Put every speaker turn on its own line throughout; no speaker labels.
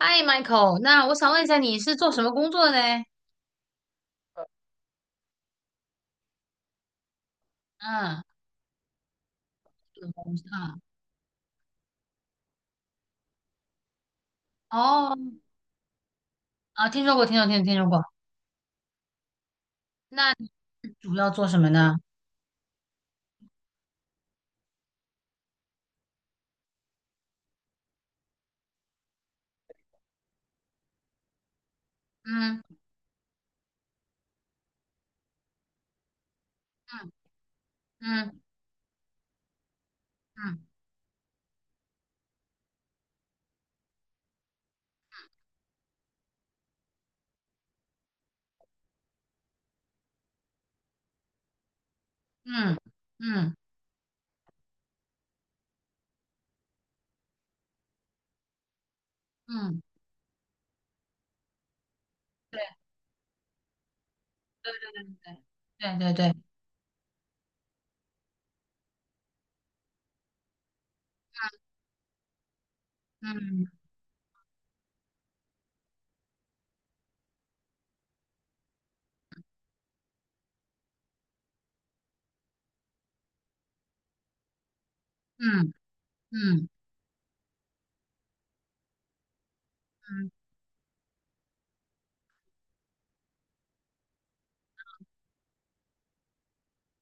嗨，Michael，那我想问一下，你是做什么工作的嘞？嗯。嗯。我知道了。哦。啊，听说过，听说过，听说，听说过。那你主要做什么呢？嗯。嗯。嗯。嗯。嗯。嗯。嗯。对，对，对，对，对，对，对，对。嗯。嗯。嗯。嗯。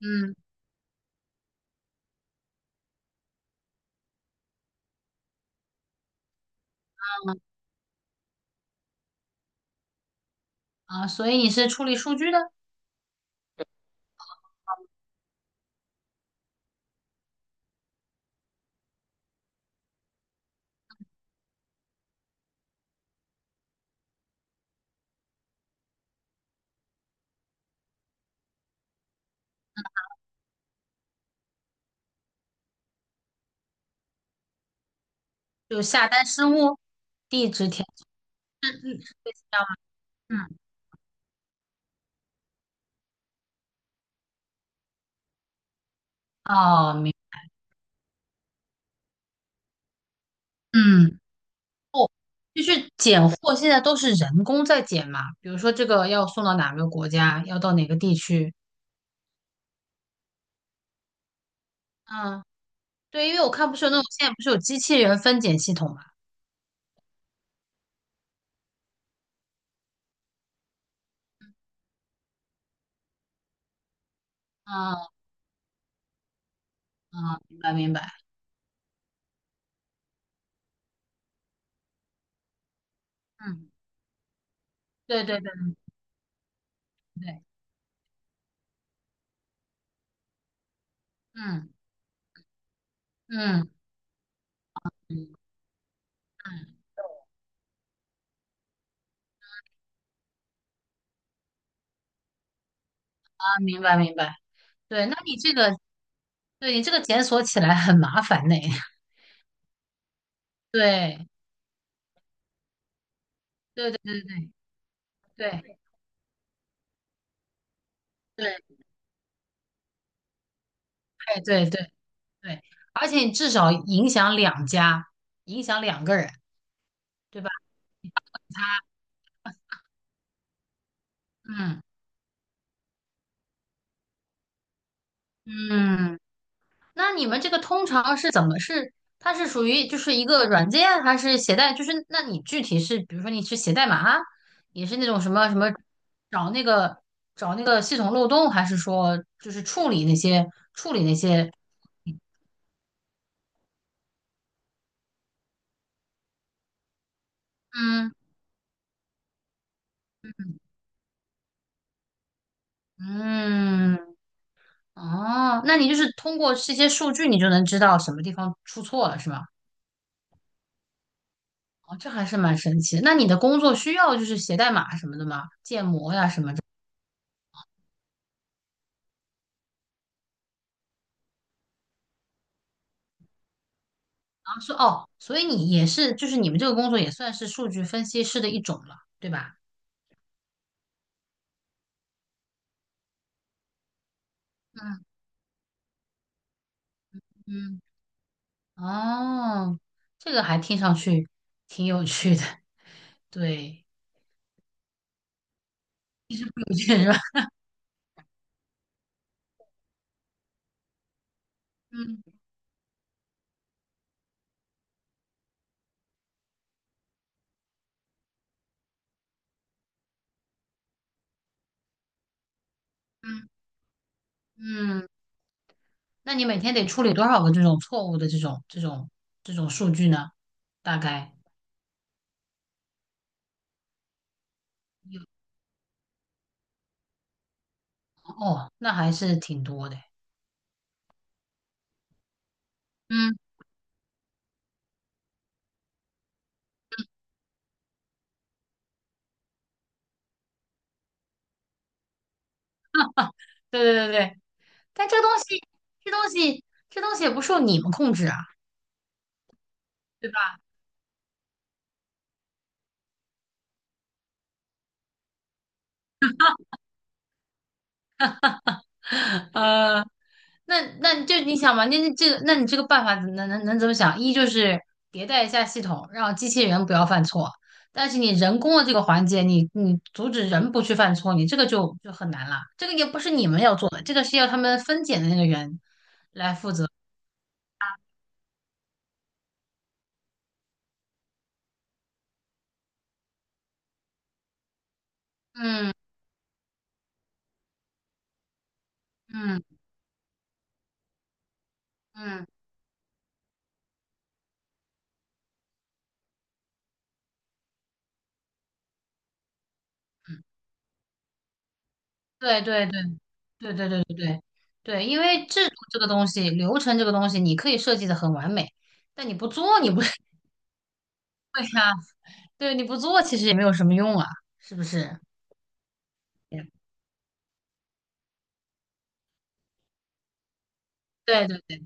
嗯。啊，所以你是处理数据的，就下单失误、地址填。嗯。嗯。是类似这样吗？嗯。哦，嗯。就是拣货，现在都是人工在拣嘛，比如说这个要送到哪个国家，要到哪个地区。嗯。对，因为我看不是有那种现在不是有机器人分拣系统嘛。嗯。嗯。明白明白。嗯。对，对，对，对，对。嗯。嗯。嗯。嗯。啊，明白明白。对，那你这个，对你这个检索起来很麻烦呢。对，对，对，对，对，对，对。哎，对，对，对。而且你至少影响两家，影响两个人，对吧？嗯。嗯。那你们这个通常是怎么是？它是属于就是一个软件，还是携带？就是那你具体是，比如说你是写代码，也是那种什么什么找那个找那个系统漏洞，还是说就是处理那些？嗯。嗯。哦，那你就是通过这些数据，你就能知道什么地方出错了，是吗？哦，这还是蛮神奇的，那你的工作需要就是写代码什么的吗？建模呀什么的。啊说哦，所以你也是，就是你们这个工作也算是数据分析师的一种了，对吧？嗯。嗯。哦，这个还听上去挺有趣的，对。有趣是吧？嗯。嗯。嗯。那你每天得处理多少个这种错误的这种数据呢？大概哦，那还是挺多的。嗯，对，对，对，对。但这东西，这东西也不受你们控制啊，对吧？呃。那那就你想嘛，那那这个，那你这个办法能怎么想？一就是迭代一下系统，让机器人不要犯错，但是你人工的这个环节，你阻止人不去犯错，你这个就很难了。这个也不是你们要做的，这个是要他们分拣的那个人来负责。嗯。嗯。嗯。对，对，对，对，对，对，对，对，对。因为制度这个东西，流程这个东西，你可以设计的很完美，但你不做，你不 对呀、对，你不做其实也没有什么用啊，是不是？Yeah. 对，对，对，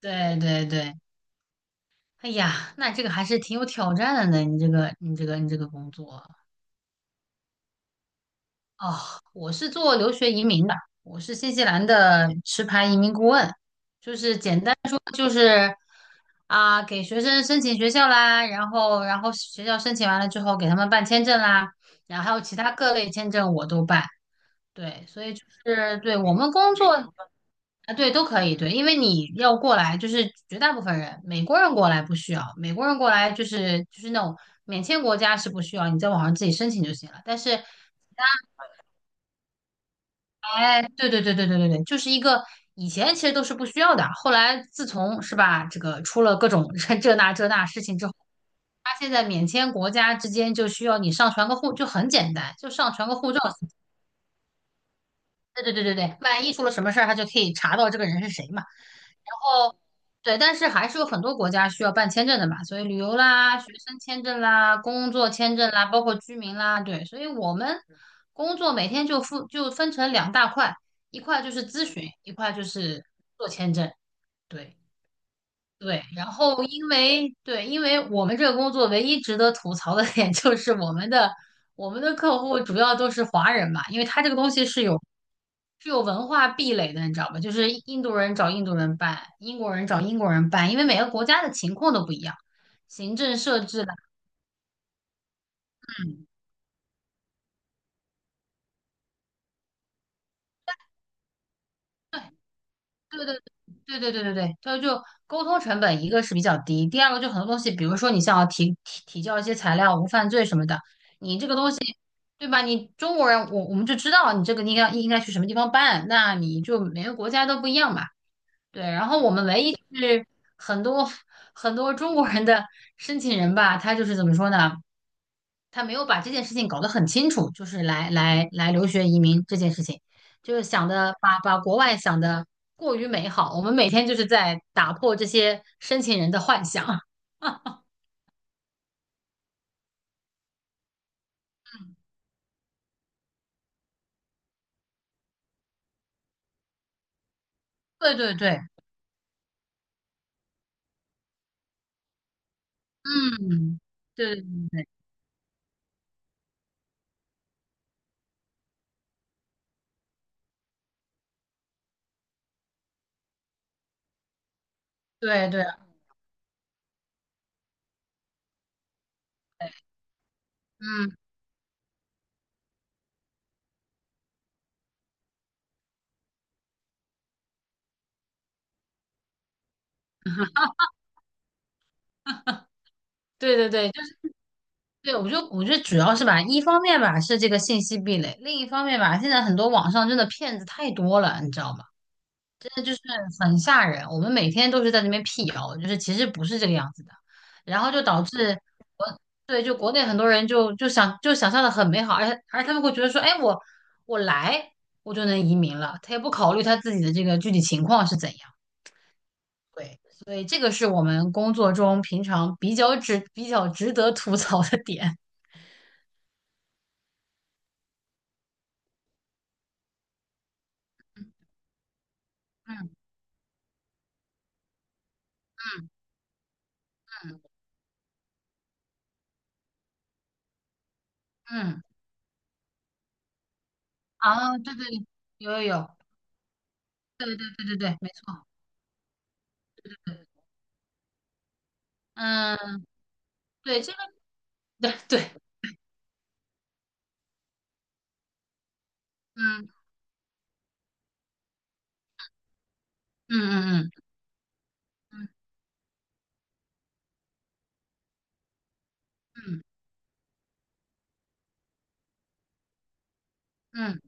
对，对，对。哎呀，那这个还是挺有挑战的呢。你这个工作，哦，我是做留学移民的，我是新西兰的持牌移民顾问，就是简单说就是，啊，给学生申请学校啦，然后学校申请完了之后给他们办签证啦，然后还有其他各类签证我都办。对，所以就是对我们工作。啊，对，都可以，对，因为你要过来，就是绝大部分人，美国人过来不需要，美国人过来就是那种免签国家是不需要，你在网上自己申请就行了。但是，哎，对，对，对，对，对，对，对，就是一个以前其实都是不需要的，后来自从是吧，这个出了各种 这那这那事情之后，他现在免签国家之间就需要你上传个就很简单，就上传个护照。对，对，对，对，对。万一出了什么事儿，他就可以查到这个人是谁嘛。哦。对，但是还是有很多国家需要办签证的嘛，所以旅游啦、学生签证啦、工作签证啦，包括居民啦，对，所以我们工作每天就分成两大块，一块就是咨询，一块就是做签证，对，对。然后因为对，因为我们这个工作唯一值得吐槽的点 就是我们的客户主要都是华人嘛，因为他这个东西是有文化壁垒的，你知道吧？就是印度人找印度人办，英国人找英国人办，因为每个国家的情况都不一样，行政设置的。嗯，对，对，对，对，对，对，对，对。就沟通成本，一个是比较低，第二个就很多东西，比如说你想要提交一些材料，无犯罪什么的，你这个东西对吧？你中国人，我们就知道你这个应该去什么地方办，那你就每个国家都不一样嘛。对，然后我们唯一就是很多很多中国人的申请人吧，他就是怎么说呢？他没有把这件事情搞得很清楚，就是来来来留学移民这件事情，就是想的把国外想的过于美好。我们每天就是在打破这些申请人的幻想。对，对，对。嗯。对，对，对，对，对。嗯。对，对，对。对，我觉得主要是吧，一方面吧是这个信息壁垒，另一方面吧，现在很多网上真的骗子太多了，你知道吗？真的就是很吓人。我们每天都是在那边辟谣，就是其实不是这个样子的，然后就导致国，对，就国内很多人就想象的很美好，而且他们会觉得说，哎，我来我就能移民了，他也不考虑他自己的这个具体情况是怎样。对，所以这个是我们工作中平常比较值得吐槽的点。嗯。嗯。嗯。啊，对，对，对。有，有，有。对，对，对，没错。嗯。对，这个。对，对。嗯。嗯。嗯。嗯。嗯。嗯。嗯。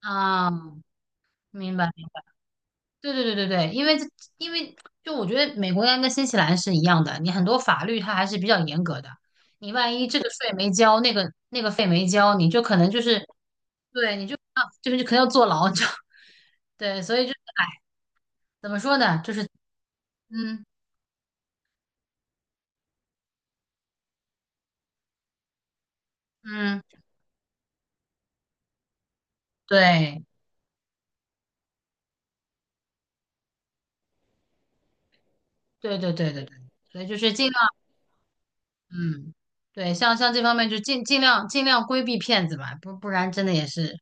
啊，明白。对，对，对，对，对。因为这，因为我觉得美国应该跟新西兰是一样的，你很多法律它还是比较严格的。你万一这个税没交，那个费没交，你就可能就是对，你就啊，就是可能要坐牢，就 对，所以就怎么说呢？就是，嗯。嗯。对，对，对，对，对，对。所以就是尽。量。嗯，对，像这方面就尽量规避骗子吧，不然真的也是。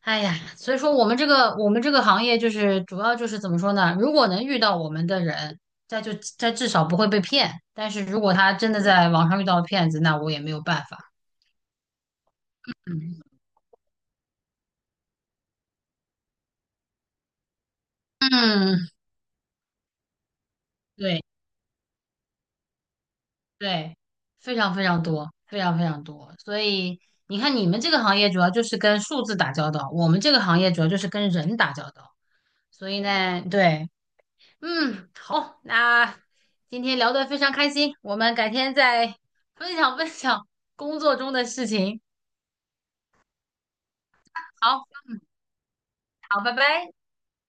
哎呀，所以说我们这个行业就是主要就是怎么说呢？如果能遇到我们的人，他就他至少不会被骗，但是如果他真的在网上遇到骗子，那我也没有办法。嗯。嗯。对，对。非常非常多，非常非常多。所以你看，你们这个行业主要就是跟数字打交道，我们这个行业主要就是跟人打交道。所以呢，对。嗯，好，那今天聊得非常开心，我们改天再分享分享工作中的事情。好。好，拜拜。